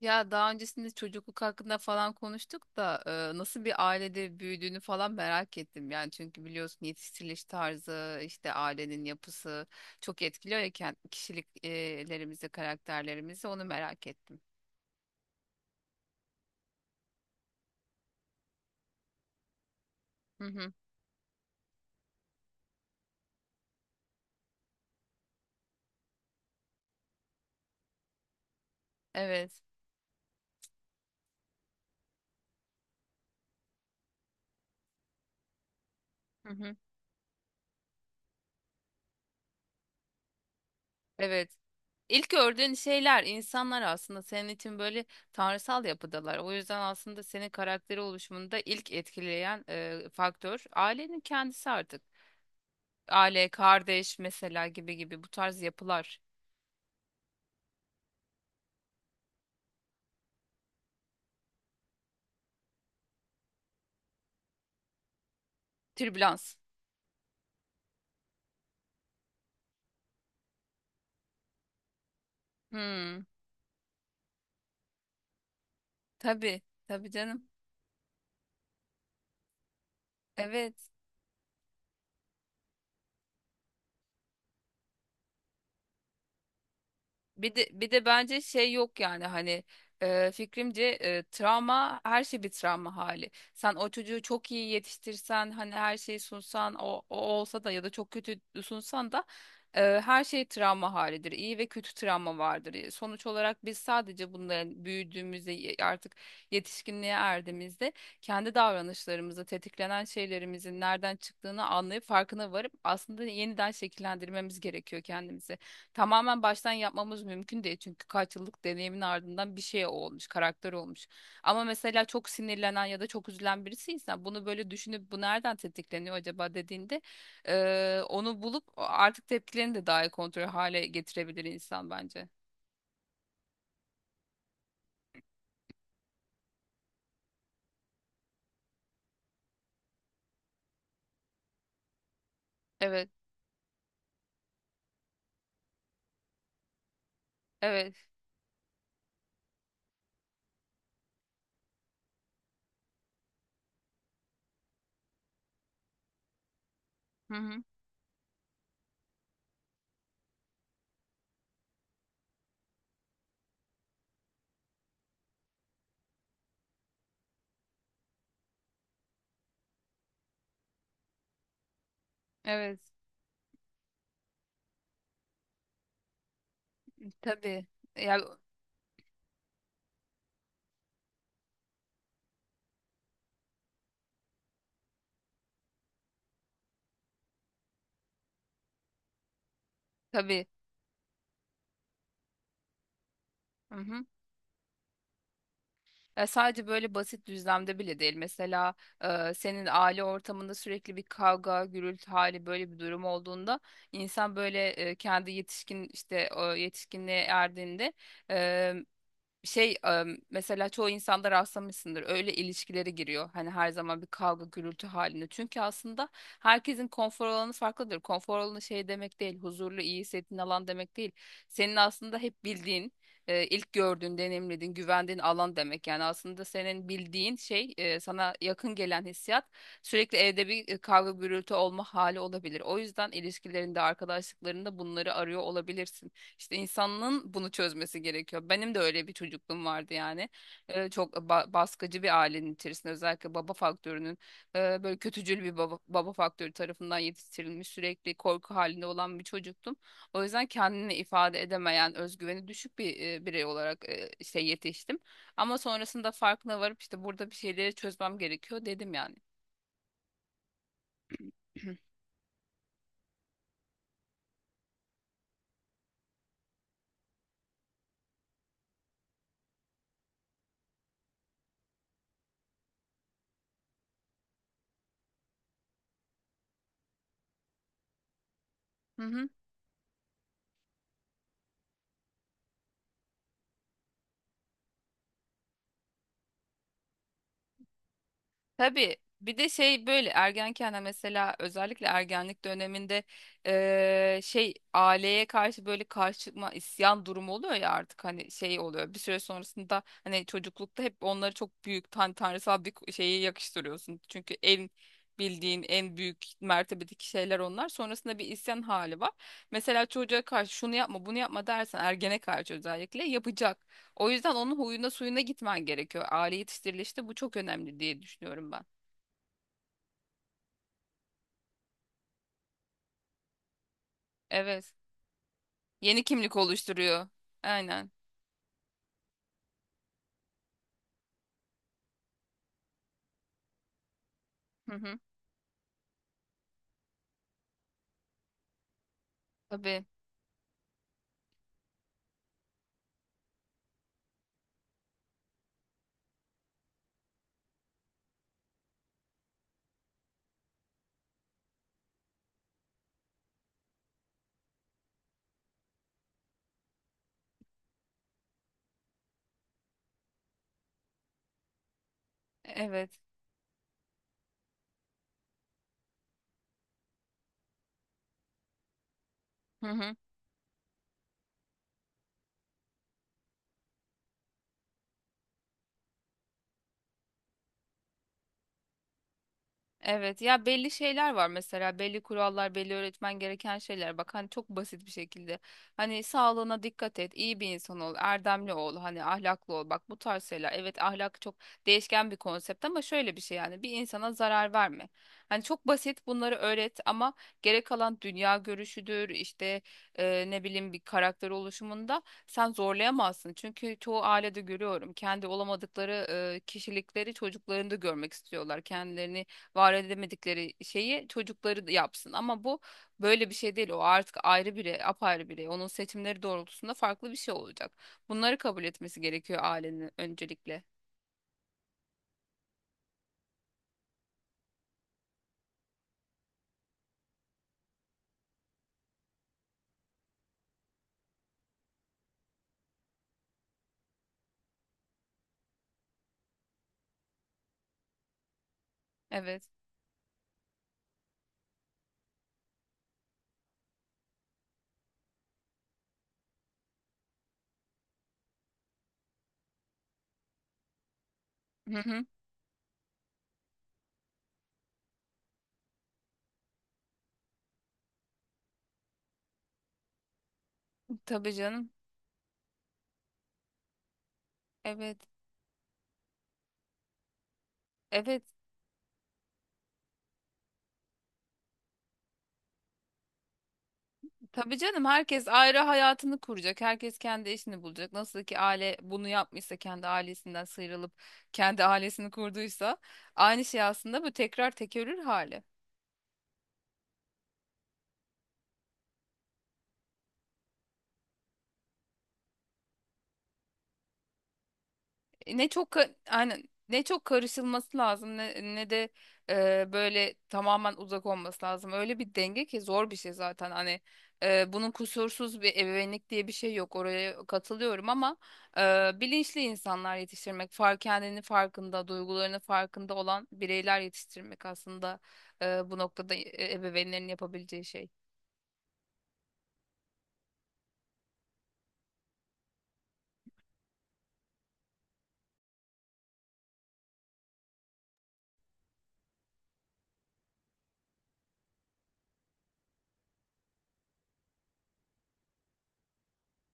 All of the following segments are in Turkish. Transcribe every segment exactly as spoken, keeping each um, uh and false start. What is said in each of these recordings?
Ya daha öncesinde çocukluk hakkında falan konuştuk da e, nasıl bir ailede büyüdüğünü falan merak ettim. Yani çünkü biliyorsun yetiştiriliş tarzı, işte ailenin yapısı çok etkiliyor ya kend- kişiliklerimizi, karakterlerimizi onu merak ettim. Hı hı. Evet. Hı hı. Evet. İlk gördüğün şeyler, insanlar aslında senin için böyle tanrısal yapıdalar. O yüzden aslında senin karakteri oluşumunda ilk etkileyen e, faktör ailenin kendisi artık. Aile, kardeş mesela gibi gibi bu tarz yapılar. Türbülans. Hmm, Tabii, tabii canım. Evet. Bir de bir de bence şey yok yani hani e, fikrimce e, travma her şey bir travma hali. Sen o çocuğu çok iyi yetiştirsen hani her şeyi sunsan o, o olsa da ya da çok kötü sunsan da e, her şey travma halidir. İyi ve kötü travma vardır. E, Sonuç olarak biz sadece bunların büyüdüğümüzde ye- artık yetişkinliğe erdiğimizde kendi davranışlarımızı tetiklenen şeylerimizin nereden çıktığını anlayıp farkına varıp aslında yeniden şekillendirmemiz gerekiyor kendimizi. Tamamen baştan yapmamız mümkün değil çünkü kaç yıllık deneyimin ardından bir şey olmuş, karakter olmuş. Ama mesela çok sinirlenen ya da çok üzülen birisiysen bunu böyle düşünüp bu nereden tetikleniyor acaba dediğinde eee, onu bulup artık tepkilerini de daha iyi kontrol hale getirebilir insan bence. Evet, evet. Hı hı. Evet. Tabii. Ya tabii. Hı hı. Ya sadece böyle basit düzlemde bile değil. Mesela e, senin aile ortamında sürekli bir kavga, gürültü hali böyle bir durum olduğunda insan böyle e, kendi yetişkin işte o yetişkinliğe erdiğinde şey em, mesela çoğu insanda rastlamışsındır öyle ilişkilere giriyor hani her zaman bir kavga gürültü halinde çünkü aslında herkesin konfor alanı farklıdır konfor alanı şey demek değil huzurlu iyi hissettiğin alan demek değil senin aslında hep bildiğin e, ilk gördüğün deneyimlediğin güvendiğin alan demek yani aslında senin bildiğin şey e, sana yakın gelen hissiyat sürekli evde bir e, kavga gürültü olma hali olabilir o yüzden ilişkilerinde arkadaşlıklarında bunları arıyor olabilirsin işte insanın bunu çözmesi gerekiyor. Benim de öyle bir çocukluğum vardı yani. Ee, çok ba- baskıcı bir ailenin içerisinde özellikle baba faktörünün e, böyle kötücül bir baba, baba faktörü tarafından yetiştirilmiş sürekli korku halinde olan bir çocuktum. O yüzden kendini ifade edemeyen, özgüveni düşük bir e, birey olarak e, işte yetiştim. Ama sonrasında farkına varıp işte burada bir şeyleri çözmem gerekiyor dedim yani. Hı hı. Tabii bir de şey böyle ergenken de mesela özellikle ergenlik döneminde eee, şey aileye karşı böyle karşı çıkma isyan durumu oluyor ya artık hani şey oluyor bir süre sonrasında hani çocuklukta hep onları çok büyük tan tanrısal bir ku- şeye yakıştırıyorsun. Çünkü en bildiğin en büyük mertebedeki şeyler onlar sonrasında bir isyan hali var. Mesela çocuğa karşı şunu yapma bunu yapma dersen ergene karşı özellikle yapacak. O yüzden onun huyuna suyuna gitmen gerekiyor. Aile yetiştirilişte bu çok önemli diye düşünüyorum ben. Evet. Yeni kimlik oluşturuyor. Aynen. Hı hı. Tabii. Evet. Hı hı. Evet ya belli şeyler var mesela belli kurallar belli öğretmen gereken şeyler bak hani çok basit bir şekilde hani sağlığına dikkat et iyi bir insan ol erdemli ol hani ahlaklı ol bak bu tarz şeyler evet ahlak çok değişken bir konsept ama şöyle bir şey yani bir insana zarar verme hani çok basit bunları öğret ama gerek kalan dünya görüşüdür işte e, ne bileyim bir karakter oluşumunda sen zorlayamazsın çünkü çoğu ailede görüyorum kendi olamadıkları e, kişilikleri çocuklarında görmek istiyorlar kendilerini var edemedikleri şeyi çocukları da yapsın. Ama bu böyle bir şey değil. O artık ayrı birey, apayrı birey. Onun seçimleri doğrultusunda farklı bir şey olacak. Bunları kabul etmesi gerekiyor ailenin öncelikle. Evet. Hı hı. Tabii canım. Evet. Evet. Tabii canım, herkes ayrı hayatını kuracak. Herkes kendi işini bulacak. Nasıl ki aile bunu yapmışsa kendi ailesinden sıyrılıp kendi ailesini kurduysa aynı şey aslında, bu tekrar tekerrür hali. E, ne çok ka- aynen ne çok karışılması lazım ne, ne de e, böyle tamamen uzak olması lazım. Öyle bir denge ki zor bir şey zaten. Hani e, bunun kusursuz bir ebeveynlik diye bir şey yok. Oraya katılıyorum ama e, bilinçli insanlar yetiştirmek, fark kendini farkında, duygularını farkında olan bireyler yetiştirmek aslında e, bu noktada e, ebeveynlerin yapabileceği şey.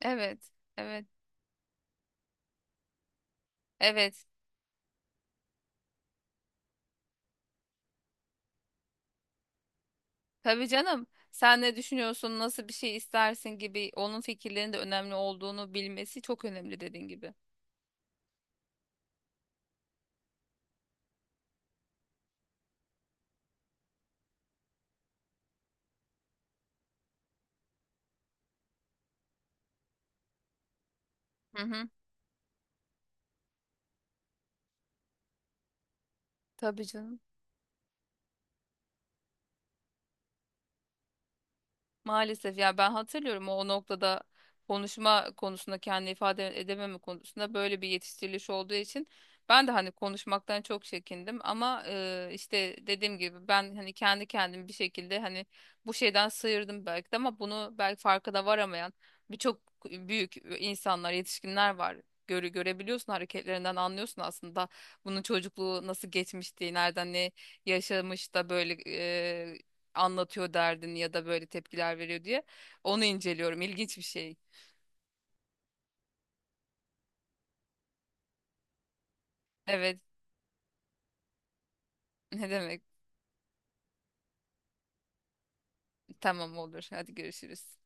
Evet, evet, evet. Tabii canım. Sen ne düşünüyorsun, nasıl bir şey istersin gibi onun fikirlerinin de önemli olduğunu bilmesi çok önemli dediğin gibi. Hı hı. Tabii canım. Maalesef ya, ben hatırlıyorum o noktada konuşma konusunda kendini ifade edememe konusunda böyle bir yetiştiriliş olduğu için ben de hani konuşmaktan çok çekindim ama e, işte dediğim gibi ben hani kendi kendimi bir şekilde hani bu şeyden sıyırdım belki de ama bunu belki farkına varamayan birçok büyük insanlar yetişkinler var. Görü görebiliyorsun hareketlerinden anlıyorsun aslında bunun çocukluğu nasıl geçmişti, nereden ne yaşamış da böyle anlatıyor derdini ya da böyle tepkiler veriyor diye. Onu inceliyorum. İlginç bir şey. Evet. Ne demek? Tamam olur. Hadi görüşürüz.